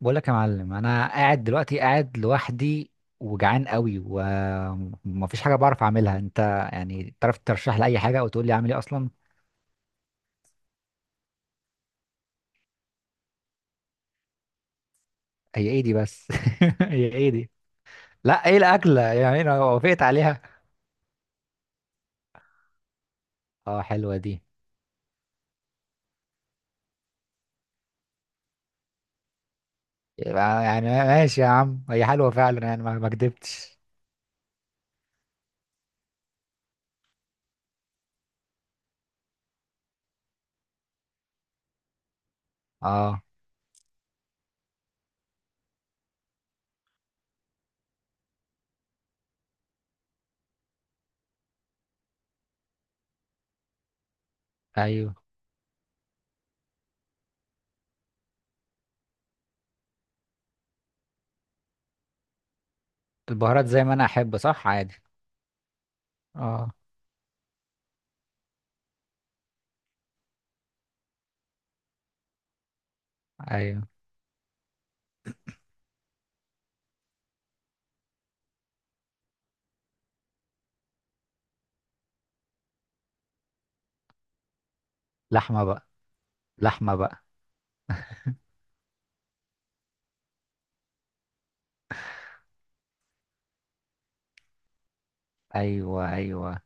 بقول لك يا معلم، انا قاعد دلوقتي قاعد لوحدي، وجعان قوي ومفيش حاجه بعرف اعملها. انت يعني تعرف ترشح لي اي حاجه او تقول لي اعمل ايه اصلا؟ هي ايه دي بس؟ هي ايه دي؟ لا، ايه الاكله يعني انا وافقت عليها؟ اه، حلوه دي. يبقى يعني ماشي يا عم، هي حلوه فعلا يعني ما كدبتش. اه، ايوه. البهارات زي ما انا احب، صح، عادي. اه، ايوه. لحمه بقى. لحمه بقى. ايوه ايوه.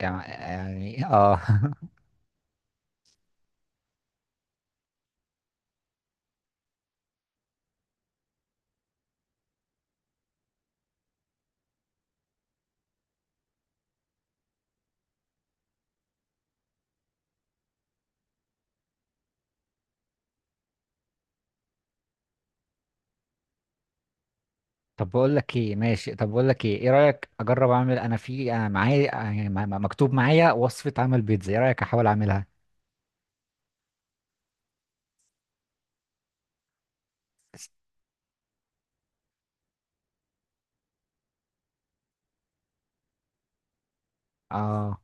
اه. طب بقول لك ايه، ماشي، طب بقول لك ايه، ايه رايك اجرب اعمل انا؟ في انا معايا، يعني مكتوب معايا وصفه عمل بيتزا، ايه رايك احاول اعملها؟ اه.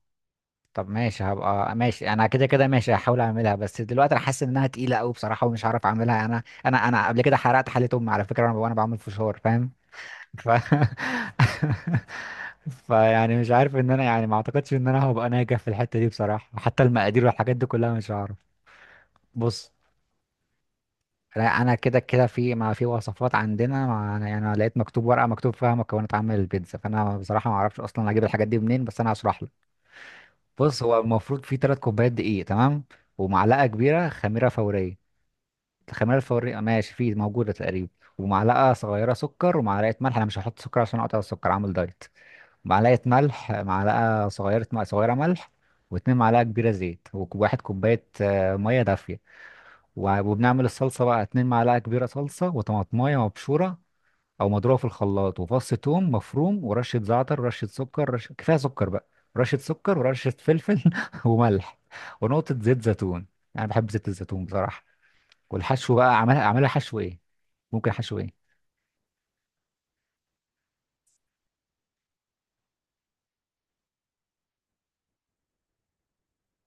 طب ماشي، هبقى ماشي، انا كده كده ماشي هحاول اعملها، بس دلوقتي انا حاسس انها تقيله قوي بصراحه ومش هعرف اعملها. انا قبل كده حرقت حله امي على فكره وأنا بعمل فشار، فاهم؟ ف فيعني مش عارف ان انا، يعني ما اعتقدش ان انا هبقى ناجح في الحته دي بصراحه، حتى المقادير والحاجات دي كلها مش هعرف. بص، لا انا كده كده في، ما في وصفات عندنا، ما أنا- يعني انا لقيت مكتوب ورقه مكتوب فيها مكونات عمل البيتزا، فانا بصراحه ما اعرفش اصلا اجيب الحاجات دي منين، بس انا هشرح لك. بص، هو المفروض في 3 كوبايات دقيق، تمام؟ ومعلقه كبيره خميره فوريه. الخميره الفوريه ماشي، في موجوده تقريبا. ومعلقه صغيره سكر ومعلقه ملح. انا مش هحط سكر عشان اقطع السكر، عامل دايت. معلقه ملح، معلقه صغيره ملح. و2 معلقه كبيره زيت، و1 كوبايه ميه دافيه. وبنعمل الصلصة بقى، 2 معلقة كبيرة صلصة، وطماطماية مبشورة أو مضروبة في الخلاط، وفص توم مفروم، ورشة زعتر، رشة سكر، رشة كفاية سكر بقى، رشة سكر ورشة فلفل، وملح. ونقطة زيت زيتون. أنا بحب زيت الزيتون بصراحة. والحشو بقى، أعملها أعملها حشو إيه؟ ممكن حشو إيه؟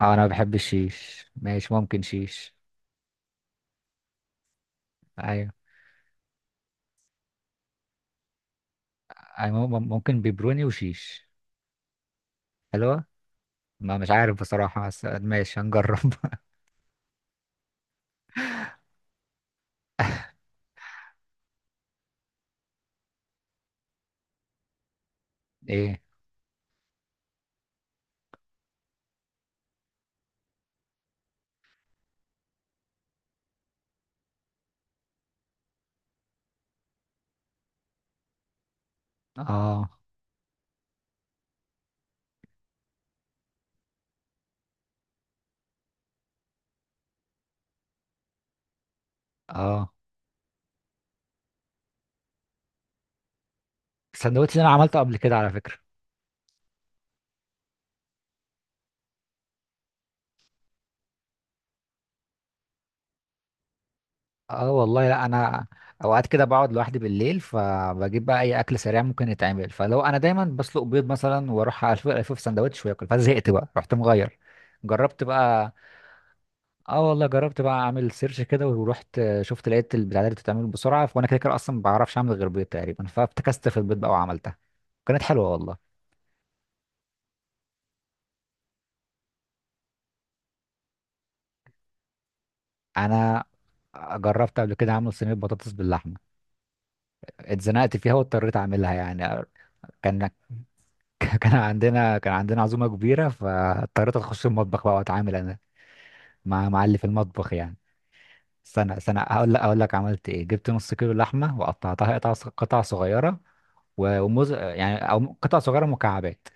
أه، أنا بحب الشيش، ماشي، ممكن شيش. أيوه أيوه، ممكن بيبروني وشيش. حلوة. ما مش عارف بصراحة، بس ماشي هنجرب. إيه؟ أه. أه، السندوتش ده انا عملته قبل كده على فكره. اه والله، لا انا اوقات كده بقعد لوحدي بالليل، فبجيب بقى اي اكل سريع ممكن يتعمل. فلو انا دايما بسلق بيض مثلا واروح الف الف في سندوتش واكل، فزهقت بقى، رحت مغير. جربت بقى. اه والله، جربت بقى اعمل سيرش كده، ورحت شفت لقيت البتاع دي بتتعمل بسرعه، وانا كده كده اصلا ما بعرفش اعمل غير بيض تقريبا، فابتكست في البيض بقى وعملتها. كانت حلوه والله. انا جربت قبل كده اعمل صينيه بطاطس باللحمه. اتزنقت فيها واضطريت اعملها يعني. كان كان عندنا عزومة كبيرة، فاضطريت اخش المطبخ بقى واتعامل انا مع اللي في المطبخ يعني. استنى استنى، هقول لك هقول لك عملت ايه. جبت نص كيلو لحمة وقطعتها قطع قطع صغيرة. وموز، يعني او قطع صغيرة مكعبات.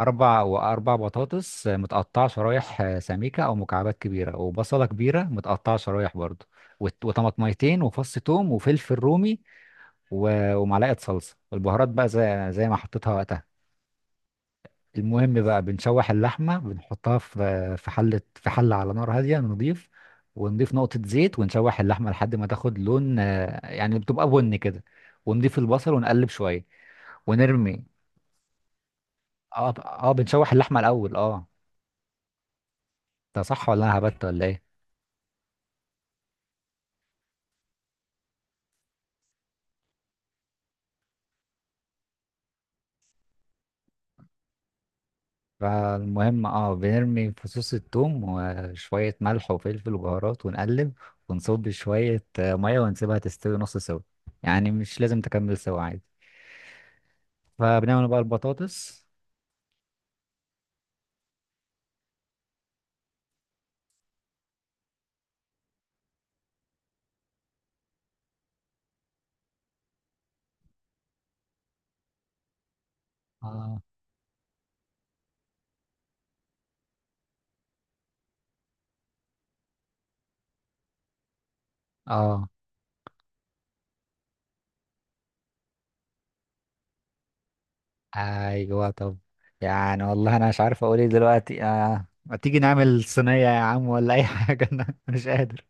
اربع، واربع بطاطس متقطعة شرايح سميكة او مكعبات كبيرة، وبصلة كبيرة متقطعة شرايح برضو. وطماطميتين وفص توم وفلفل رومي. ومعلقة صلصة، والبهارات بقى زي ما حطيتها وقتها. المهم بقى، بنشوح اللحمة، بنحطها في حلة على نار هادية نضيف، ونضيف نقطة زيت ونشوح اللحمة لحد ما تاخد لون، يعني بتبقى بني كده. ونضيف البصل ونقلب شوية ونرمي. اه اه، بنشوح اللحمة الأول، اه. ده صح ولا أنا هبت ولا ايه؟ فالمهم، اه، بنرمي فصوص الثوم وشوية ملح وفلفل وبهارات ونقلب، ونصب شوية مية ونسيبها تستوي نص سوا. يعني مش لازم تكمل سوا، عادي. فبنعمل بقى البطاطس آه، اه ايوه، طب. يعني والله انا مش عارف اقول ايه دلوقتي. ما تيجي نعمل صينية يا عم ولا اي حاجة؟ انا مش قادر.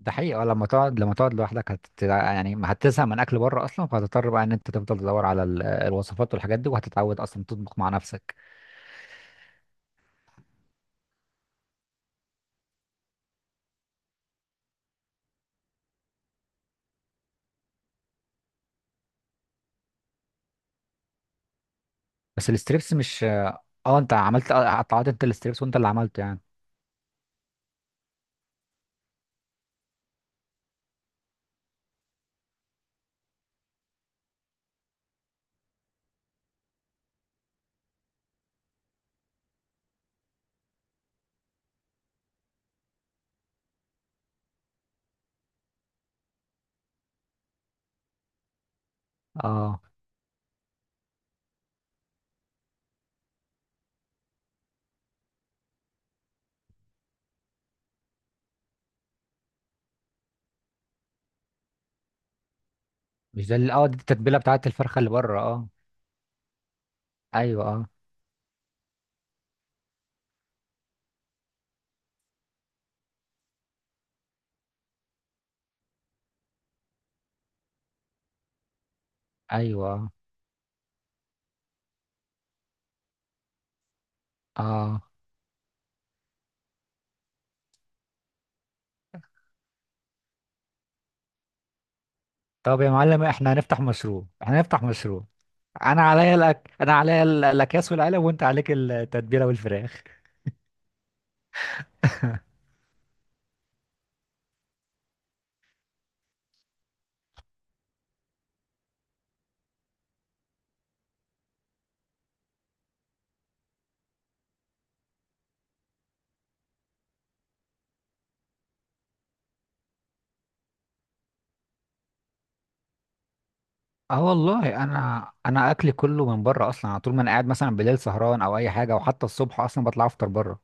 ده حقيقي. اه، لما تقعد لوحدك، هت... يعني ما هتزهق من اكل بره اصلا، فهتضطر بقى ان انت تفضل تدور على الوصفات والحاجات دي، وهتتعود اصلا تطبخ مع نفسك. بس الستريبس مش، اه، انت عملت، اه، قطعت انت الستريبس وانت اللي عملته يعني؟ اه. مش ده اللي، اه، دي التتبيلة بتاعت الفرخة اللي بره؟ اه. ايوه، اه. ايوه، اه آه. طب يا معلم، احنا هنفتح مشروع. احنا هنفتح مشروع. انا عليا انا عليا الاكياس والعلب، وانت عليك التتبيله والفراخ. اه والله، انا اكلي كله من بره اصلا على طول. ما انا قاعد مثلا بالليل سهران او اي حاجه، وحتى الصبح اصلا بطلع افطر بره.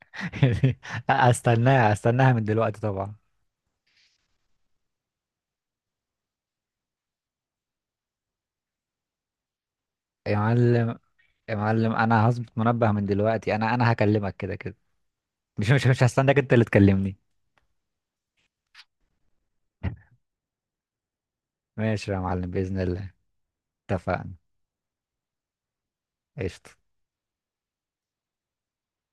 استناها استناها من دلوقتي طبعا. يا معلم، يا معلم، انا هظبط منبه من دلوقتي، انا هكلمك كده كده. مش هستناك انت اللي تكلمني. ماشي يا معلم، باذن الله. اتفقنا. قشطه.